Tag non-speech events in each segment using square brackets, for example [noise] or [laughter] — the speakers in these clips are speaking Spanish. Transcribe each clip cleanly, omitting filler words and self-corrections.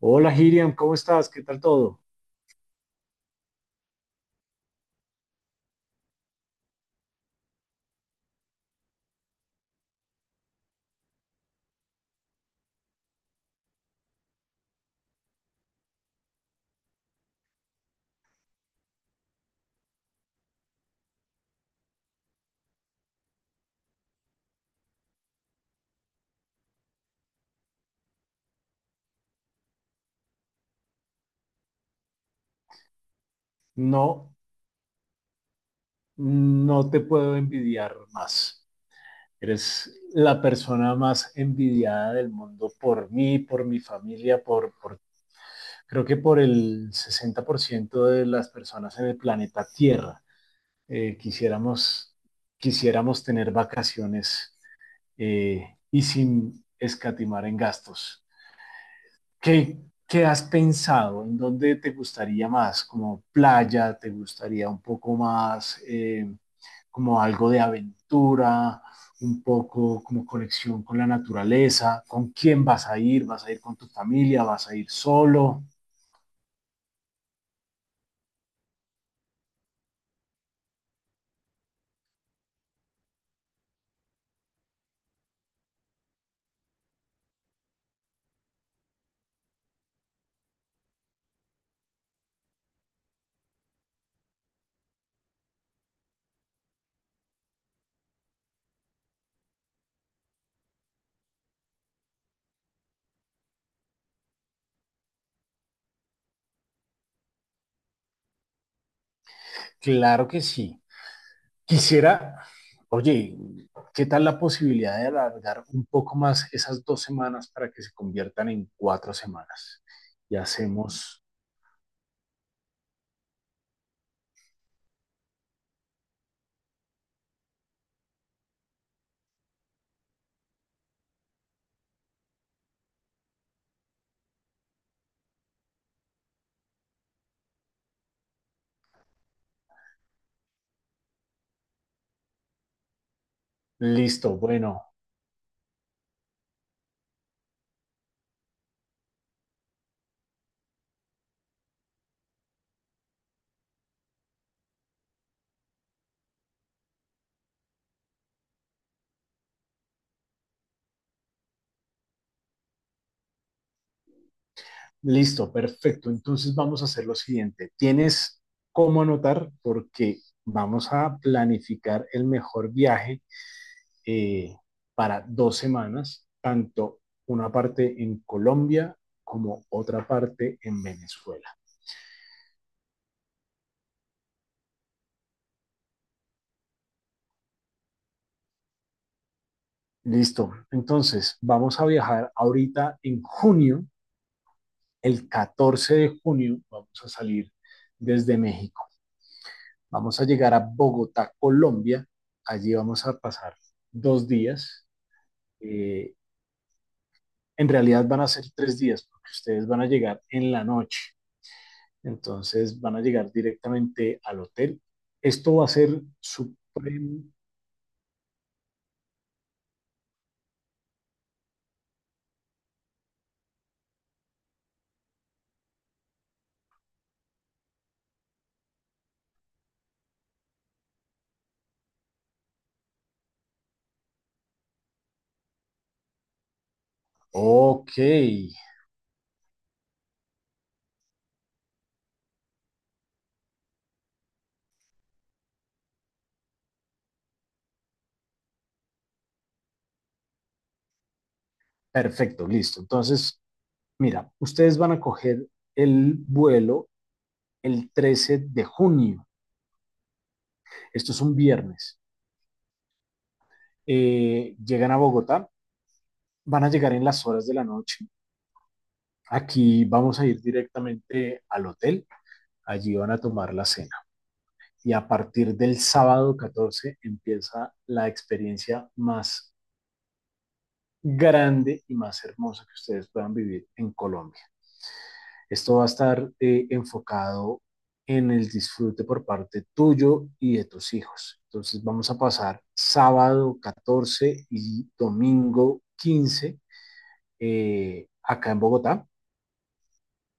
Hola, Hiriam, ¿cómo estás? ¿Qué tal todo? No, no te puedo envidiar más. Eres la persona más envidiada del mundo por mí, por mi familia, por creo que por el 60% de las personas en el planeta Tierra. Eh, quisiéramos, quisiéramos tener vacaciones y sin escatimar en gastos. ¿Qué, qué has pensado? ¿En dónde te gustaría más? ¿Como playa? ¿Te gustaría un poco más como algo de aventura? ¿Un poco como conexión con la naturaleza? ¿Con quién vas a ir? ¿Vas a ir con tu familia? ¿Vas a ir solo? Claro que sí. Quisiera, oye, ¿qué tal la posibilidad de alargar un poco más esas 2 semanas para que se conviertan en 4 semanas? Y hacemos, listo, bueno. Listo, perfecto. Entonces vamos a hacer lo siguiente. Tienes cómo anotar porque vamos a planificar el mejor viaje eh, para 2 semanas, tanto una parte en Colombia como otra parte en Venezuela. Listo. Entonces vamos a viajar ahorita en junio, el 14 de junio, vamos a salir desde México. Vamos a llegar a Bogotá, Colombia. Allí vamos a pasar 2 días. Eh, en realidad van a ser 3 días, porque ustedes van a llegar en la noche, entonces van a llegar directamente al hotel. Esto va a ser supremo. Ok, perfecto, listo. Entonces, mira, ustedes van a coger el vuelo el 13 de junio. Esto es un viernes. Llegan a Bogotá, van a llegar en las horas de la noche. Aquí vamos a ir directamente al hotel. Allí van a tomar la cena. Y a partir del sábado 14 empieza la experiencia más grande y más hermosa que ustedes puedan vivir en Colombia. Esto va a estar enfocado en el disfrute por parte tuyo y de tus hijos. Entonces vamos a pasar sábado 14 y domingo 15 acá en Bogotá.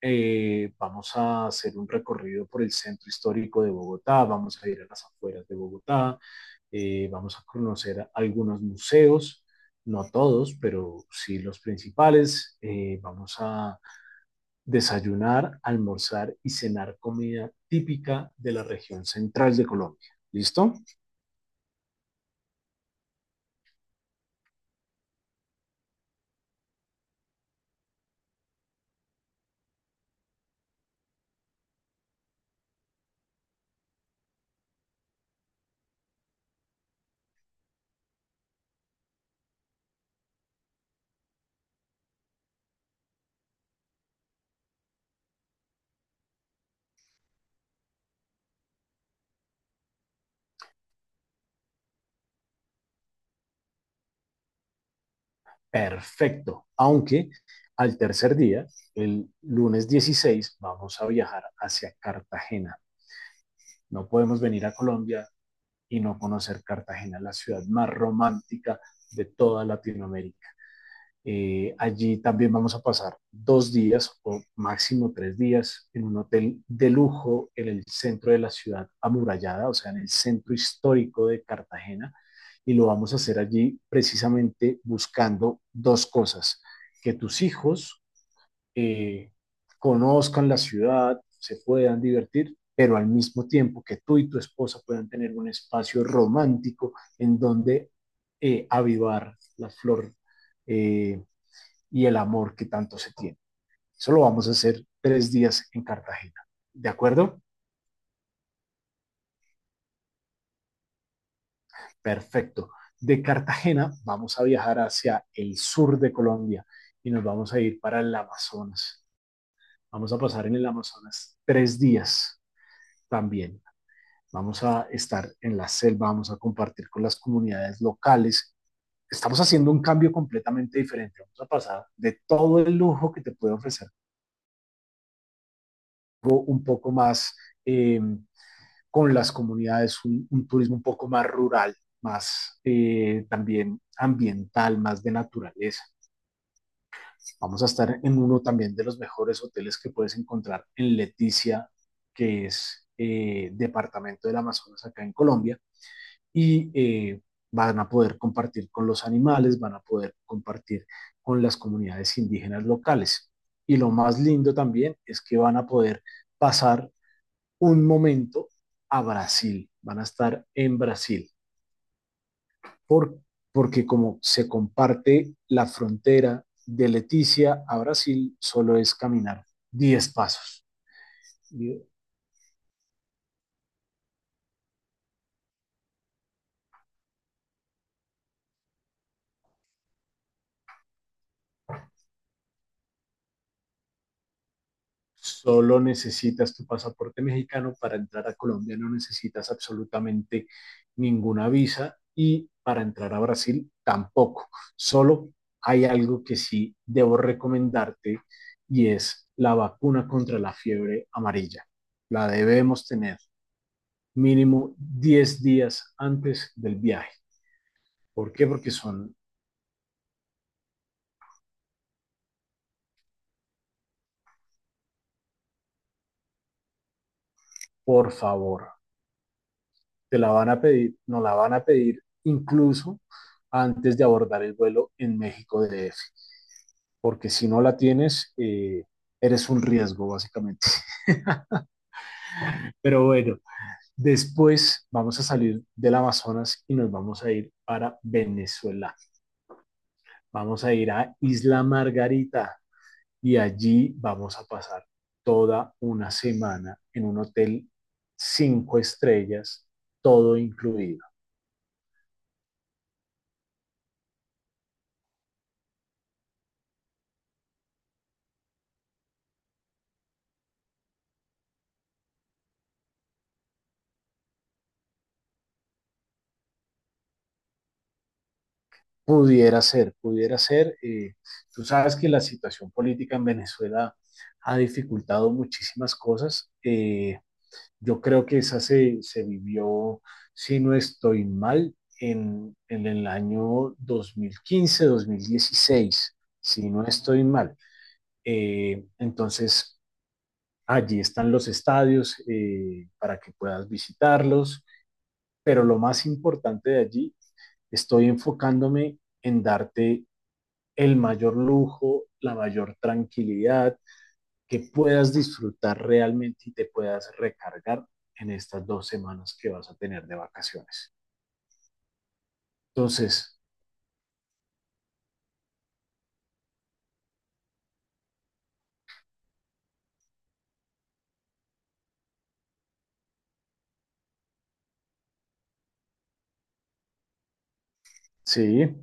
Vamos a hacer un recorrido por el centro histórico de Bogotá, vamos a ir a las afueras de Bogotá, vamos a conocer algunos museos, no todos, pero sí los principales. Vamos a desayunar, almorzar y cenar comida típica de la región central de Colombia. ¿Listo? Perfecto. Aunque al tercer día, el lunes 16, vamos a viajar hacia Cartagena. No podemos venir a Colombia y no conocer Cartagena, la ciudad más romántica de toda Latinoamérica. Allí también vamos a pasar 2 días o máximo 3 días en un hotel de lujo en el centro de la ciudad amurallada, o sea, en el centro histórico de Cartagena. Y lo vamos a hacer allí precisamente buscando dos cosas, que tus hijos eh, conozcan la ciudad, se puedan divertir, pero al mismo tiempo que tú y tu esposa puedan tener un espacio romántico en donde avivar la flor eh, y el amor que tanto se tiene. Eso lo vamos a hacer 3 días en Cartagena. ¿De acuerdo? Perfecto. De Cartagena vamos a viajar hacia el sur de Colombia y nos vamos a ir para el Amazonas. Vamos a pasar en el Amazonas 3 días también. Vamos a estar en la selva, vamos a compartir con las comunidades locales. Estamos haciendo un cambio completamente diferente. Vamos a pasar de todo el lujo que te puede ofrecer un poco más eh, con las comunidades, turismo un poco más rural, más también ambiental, más de naturaleza. Vamos a estar en uno también de los mejores hoteles que puedes encontrar en Leticia, que es departamento del Amazonas acá en Colombia. Y van a poder compartir con los animales, van a poder compartir con las comunidades indígenas locales. Y lo más lindo también es que van a poder pasar un momento a Brasil, van a estar en Brasil, por, porque como se comparte la frontera de Leticia a Brasil, solo es caminar 10 pasos. ¿Sí? Solo necesitas tu pasaporte mexicano para entrar a Colombia, no necesitas absolutamente ninguna visa y para entrar a Brasil tampoco. Solo hay algo que sí debo recomendarte y es la vacuna contra la fiebre amarilla. La debemos tener mínimo 10 días antes del viaje. ¿Por qué? Porque son, por favor, te la van a pedir, nos la van a pedir incluso antes de abordar el vuelo en México DF, porque si no la tienes, eres un riesgo básicamente. [laughs] Pero bueno, después vamos a salir del Amazonas y nos vamos a ir para Venezuela. Vamos a ir a Isla Margarita y allí vamos a pasar toda una semana en un hotel 5 estrellas, todo incluido. Pudiera ser, pudiera ser. Tú sabes que la situación política en Venezuela ha dificultado muchísimas cosas. Yo creo que esa se vivió, si no estoy mal, en el año 2015 mil dieciséis si no estoy mal. Entonces, allí están los estadios para que puedas visitarlos, pero lo más importante de allí, estoy enfocándome en darte el mayor lujo, la mayor tranquilidad, que puedas disfrutar realmente y te puedas recargar en estas 2 semanas que vas a tener de vacaciones. Entonces, sí,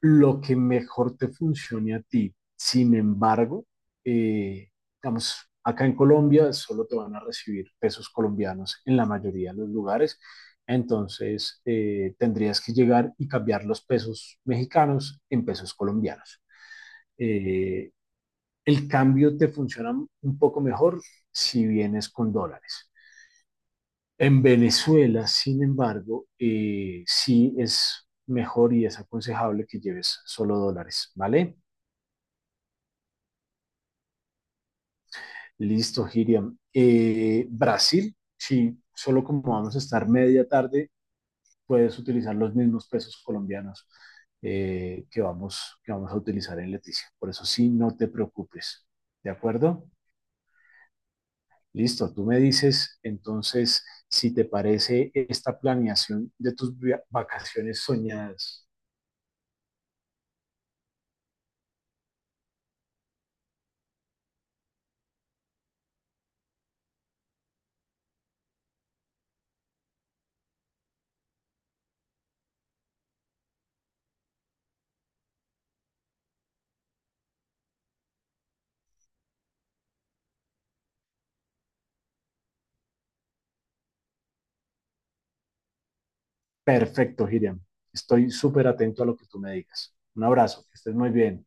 lo que mejor te funcione a ti. Sin embargo, eh, digamos, acá en Colombia solo te van a recibir pesos colombianos en la mayoría de los lugares. Entonces, tendrías que llegar y cambiar los pesos mexicanos en pesos colombianos. Eh, el cambio te funciona un poco mejor si vienes con dólares. En Venezuela, sin embargo, sí es mejor y es aconsejable que lleves solo dólares, ¿vale? Listo, Hiriam. Brasil, sí, solo como vamos a estar media tarde, puedes utilizar los mismos pesos colombianos que vamos a utilizar en Leticia. Por eso sí, no te preocupes, ¿de acuerdo? Listo, tú me dices entonces si te parece esta planeación de tus vacaciones soñadas. Perfecto, Giriam. Estoy súper atento a lo que tú me digas. Un abrazo, que estés muy bien.